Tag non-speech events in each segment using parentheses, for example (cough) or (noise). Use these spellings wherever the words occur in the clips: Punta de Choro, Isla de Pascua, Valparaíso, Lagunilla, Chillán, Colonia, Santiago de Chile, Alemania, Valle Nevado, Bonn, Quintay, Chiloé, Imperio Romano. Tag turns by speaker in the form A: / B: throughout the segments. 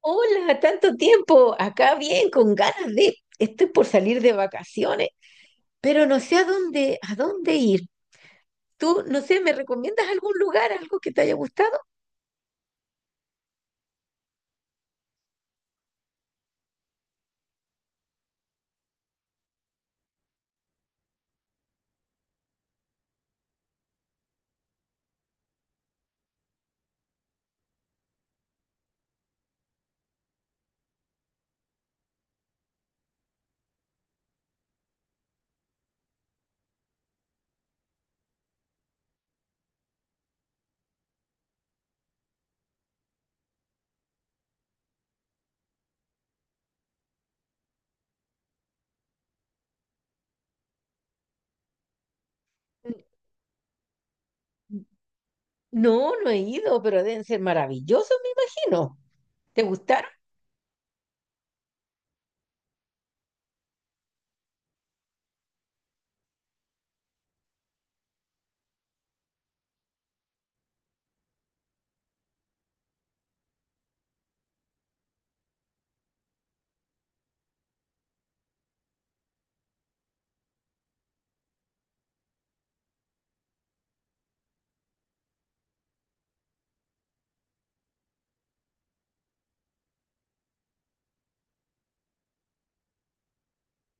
A: Hola, tanto tiempo. Acá bien, con ganas de. Estoy por salir de vacaciones, pero no sé a dónde ir. Tú, no sé, ¿me recomiendas algún lugar, algo que te haya gustado? N- No, no he ido, pero deben ser maravillosos, me imagino. ¿Te gustaron?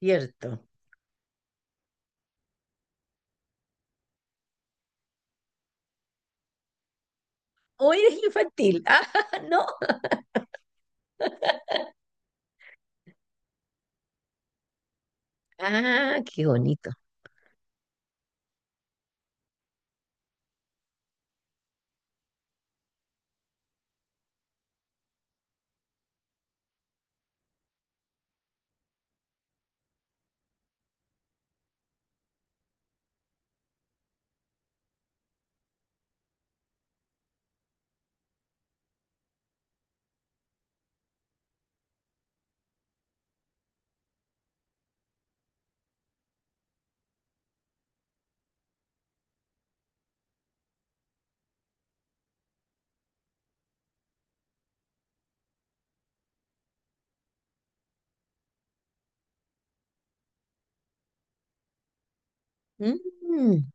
A: Cierto. ¿O eres infantil? (laughs) Ah, no. Ah, qué bonito. Mm,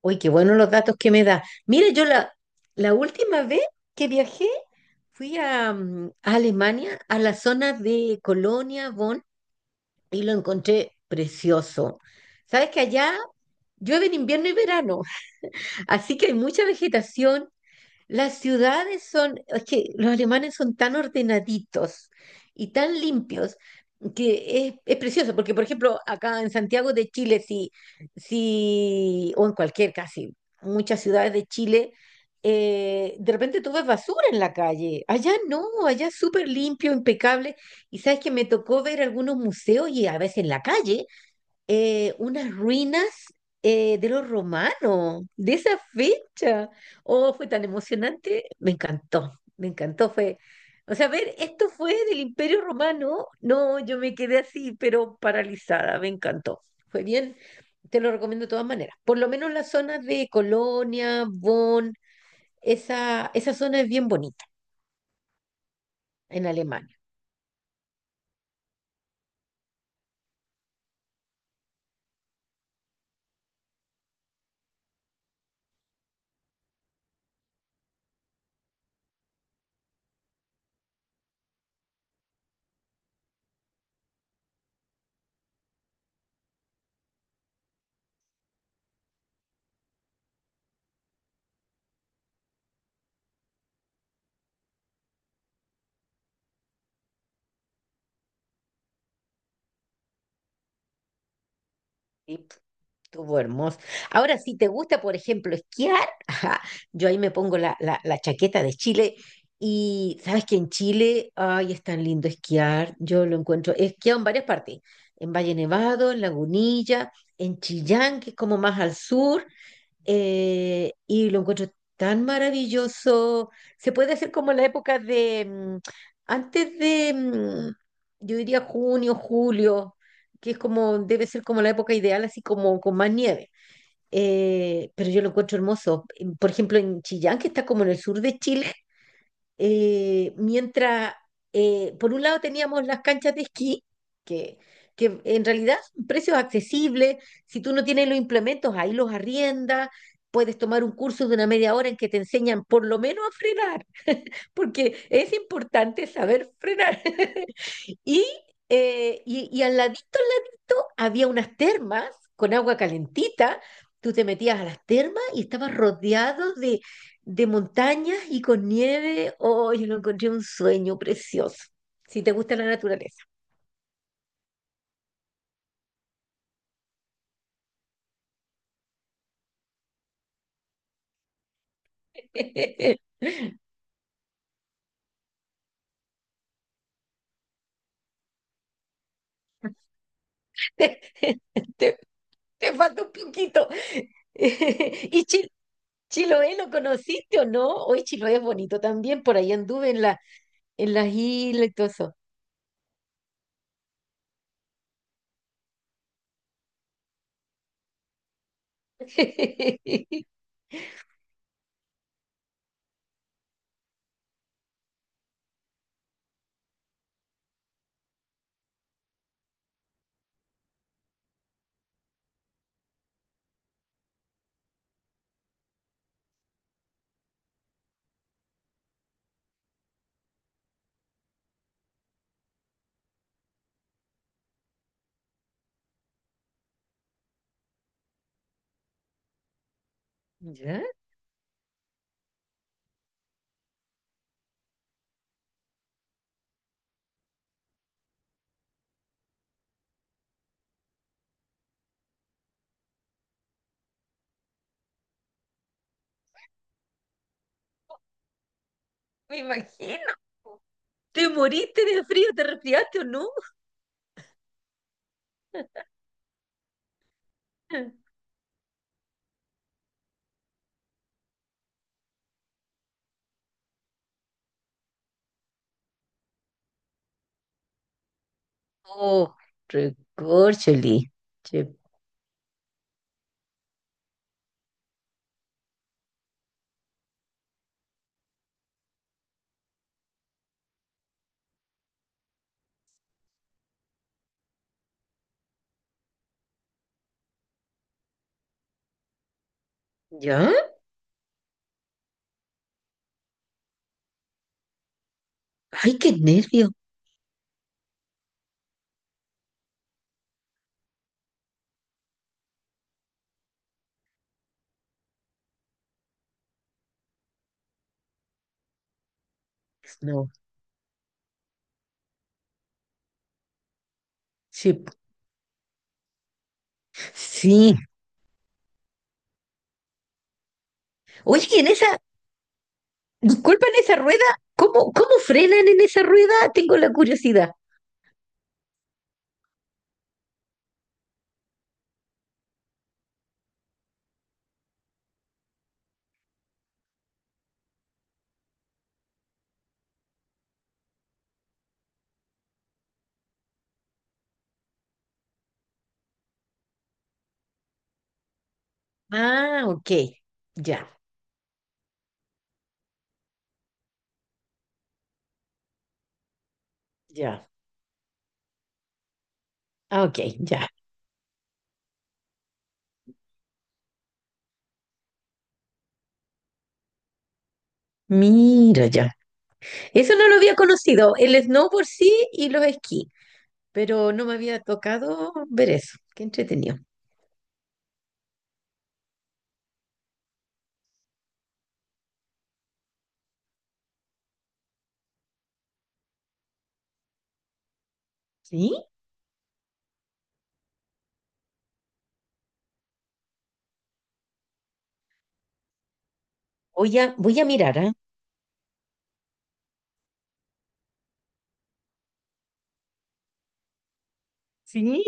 A: Uy, qué buenos los datos que me da. Mira, la última vez que viajé fui a, a Alemania, a la zona de Colonia, Bonn, y lo encontré precioso. Sabes que allá llueve en invierno y verano, (laughs) así que hay mucha vegetación, las ciudades son, es que los alemanes son tan ordenaditos y tan limpios que es precioso, porque por ejemplo, acá en Santiago de Chile, sí, sí, o en cualquier casi, muchas ciudades de Chile, de repente tú ves basura en la calle. Allá no, allá es súper limpio, impecable. Y sabes que me tocó ver algunos museos y a veces en la calle unas ruinas, de los romanos, de esa fecha. Oh, fue tan emocionante, me encantó, fue, o sea, ver, esto fue del Imperio Romano, no, yo me quedé así, pero paralizada, me encantó, fue bien, te lo recomiendo de todas maneras, por lo menos las zonas de Colonia, Bonn, esa zona es bien bonita en Alemania. ¿Sí? Estuvo hermoso. Ahora, si te gusta, por ejemplo, esquiar, (laughs) ajá, yo ahí me pongo la chaqueta de Chile y sabes que en Chile, ay, es tan lindo esquiar. Yo lo encuentro, he esquiado en varias partes, en Valle Nevado, en Lagunilla, en Chillán, que es como más al sur, y lo encuentro tan maravilloso. Se puede hacer como en la época de, antes de, yo diría junio, julio, que es como, debe ser como la época ideal, así como con más nieve. Pero yo lo encuentro hermoso. Por ejemplo, en Chillán, que está como en el sur de Chile, mientras, por un lado teníamos las canchas de esquí, que, que en realidad son precios accesibles, si tú no tienes los implementos, ahí los arriendas, puedes tomar un curso de una media hora en que te enseñan por lo menos a frenar, porque es importante saber frenar. (laughs) Y, y al ladito, había unas termas con agua calentita. Tú te metías a las termas y estabas rodeado de montañas y con nieve. Oh, yo lo encontré un sueño precioso. Si te gusta la naturaleza. (laughs) Te, te te falta un poquito. (laughs) Y Chiloé, ¿lo conociste o no? Hoy Chiloé es bonito también. Por ahí anduve en en las islas y todo eso. (laughs) ¿Ya? Me imagino. ¿Te moriste de frío? ¿Te resfriaste o no? Oh, recorcholi. Sí. ¿Ya? Ay, qué nervio. No. Sí. Sí. Oye, y en esa, disculpa, en esa rueda, ¿cómo, cómo frenan en esa rueda? Tengo la curiosidad. Ah, ok. Ya, ya. Ah, ok, ya. Mira, ya. Eso no lo había conocido. El snow por sí y los esquí, pero no me había tocado ver eso. Qué entretenido. Sí, voy a mirar, ¿ah? Sí,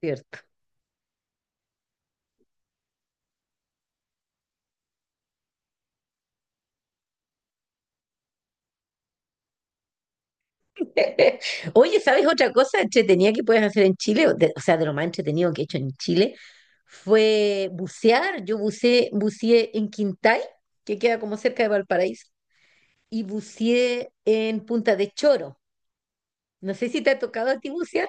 A: Cierto. (laughs) Oye, ¿sabes otra cosa entretenida que puedes hacer en Chile? O sea, de lo más entretenido que he hecho en Chile fue bucear. Yo buceé, buceé en Quintay, que queda como cerca de Valparaíso, y buceé en Punta de Choro. No sé si te ha tocado a ti bucear.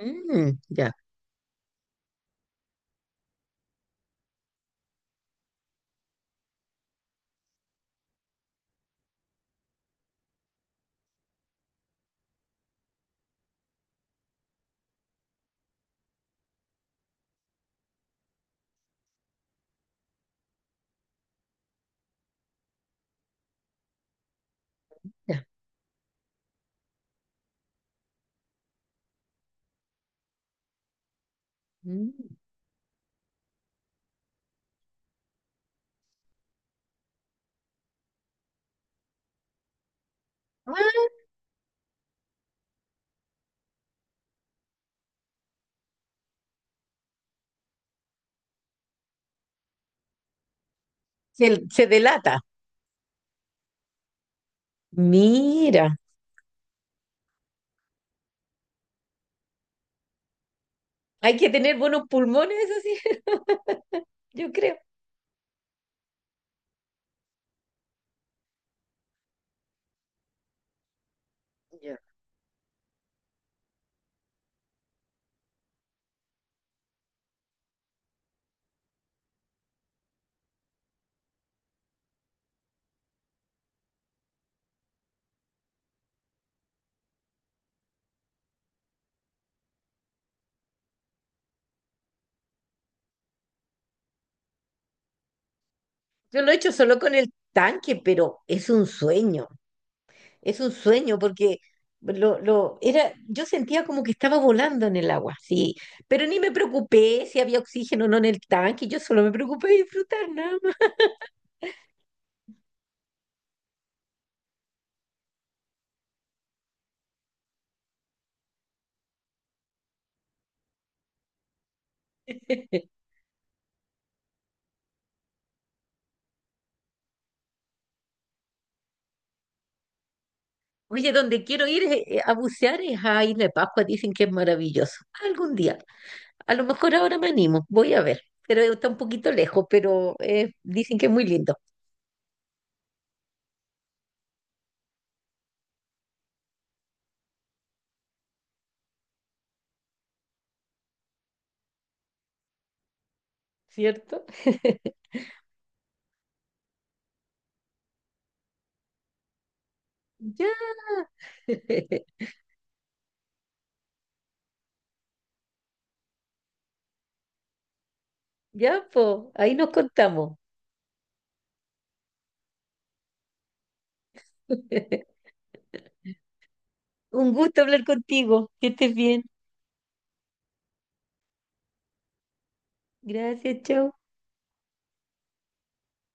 A: Ya, ya. Mm. Ah, se delata. Mira, hay que tener buenos pulmones, eso sí, (laughs) yo creo. Ya. Yo lo he hecho solo con el tanque, pero es un sueño. Es un sueño porque lo era, yo sentía como que estaba volando en el agua, sí, pero ni me preocupé si había oxígeno o no en el tanque, yo solo me preocupé de disfrutar nada más. (laughs) Oye, donde quiero a bucear es a Isla de Pascua, dicen que es maravilloso. Algún día, a lo mejor ahora me animo, voy a ver, pero está un poquito lejos, pero dicen que es muy lindo, ¿cierto? (laughs) Ya, (laughs) ya, po, ahí nos contamos. (laughs) Un gusto hablar contigo, que estés bien. Gracias, chau.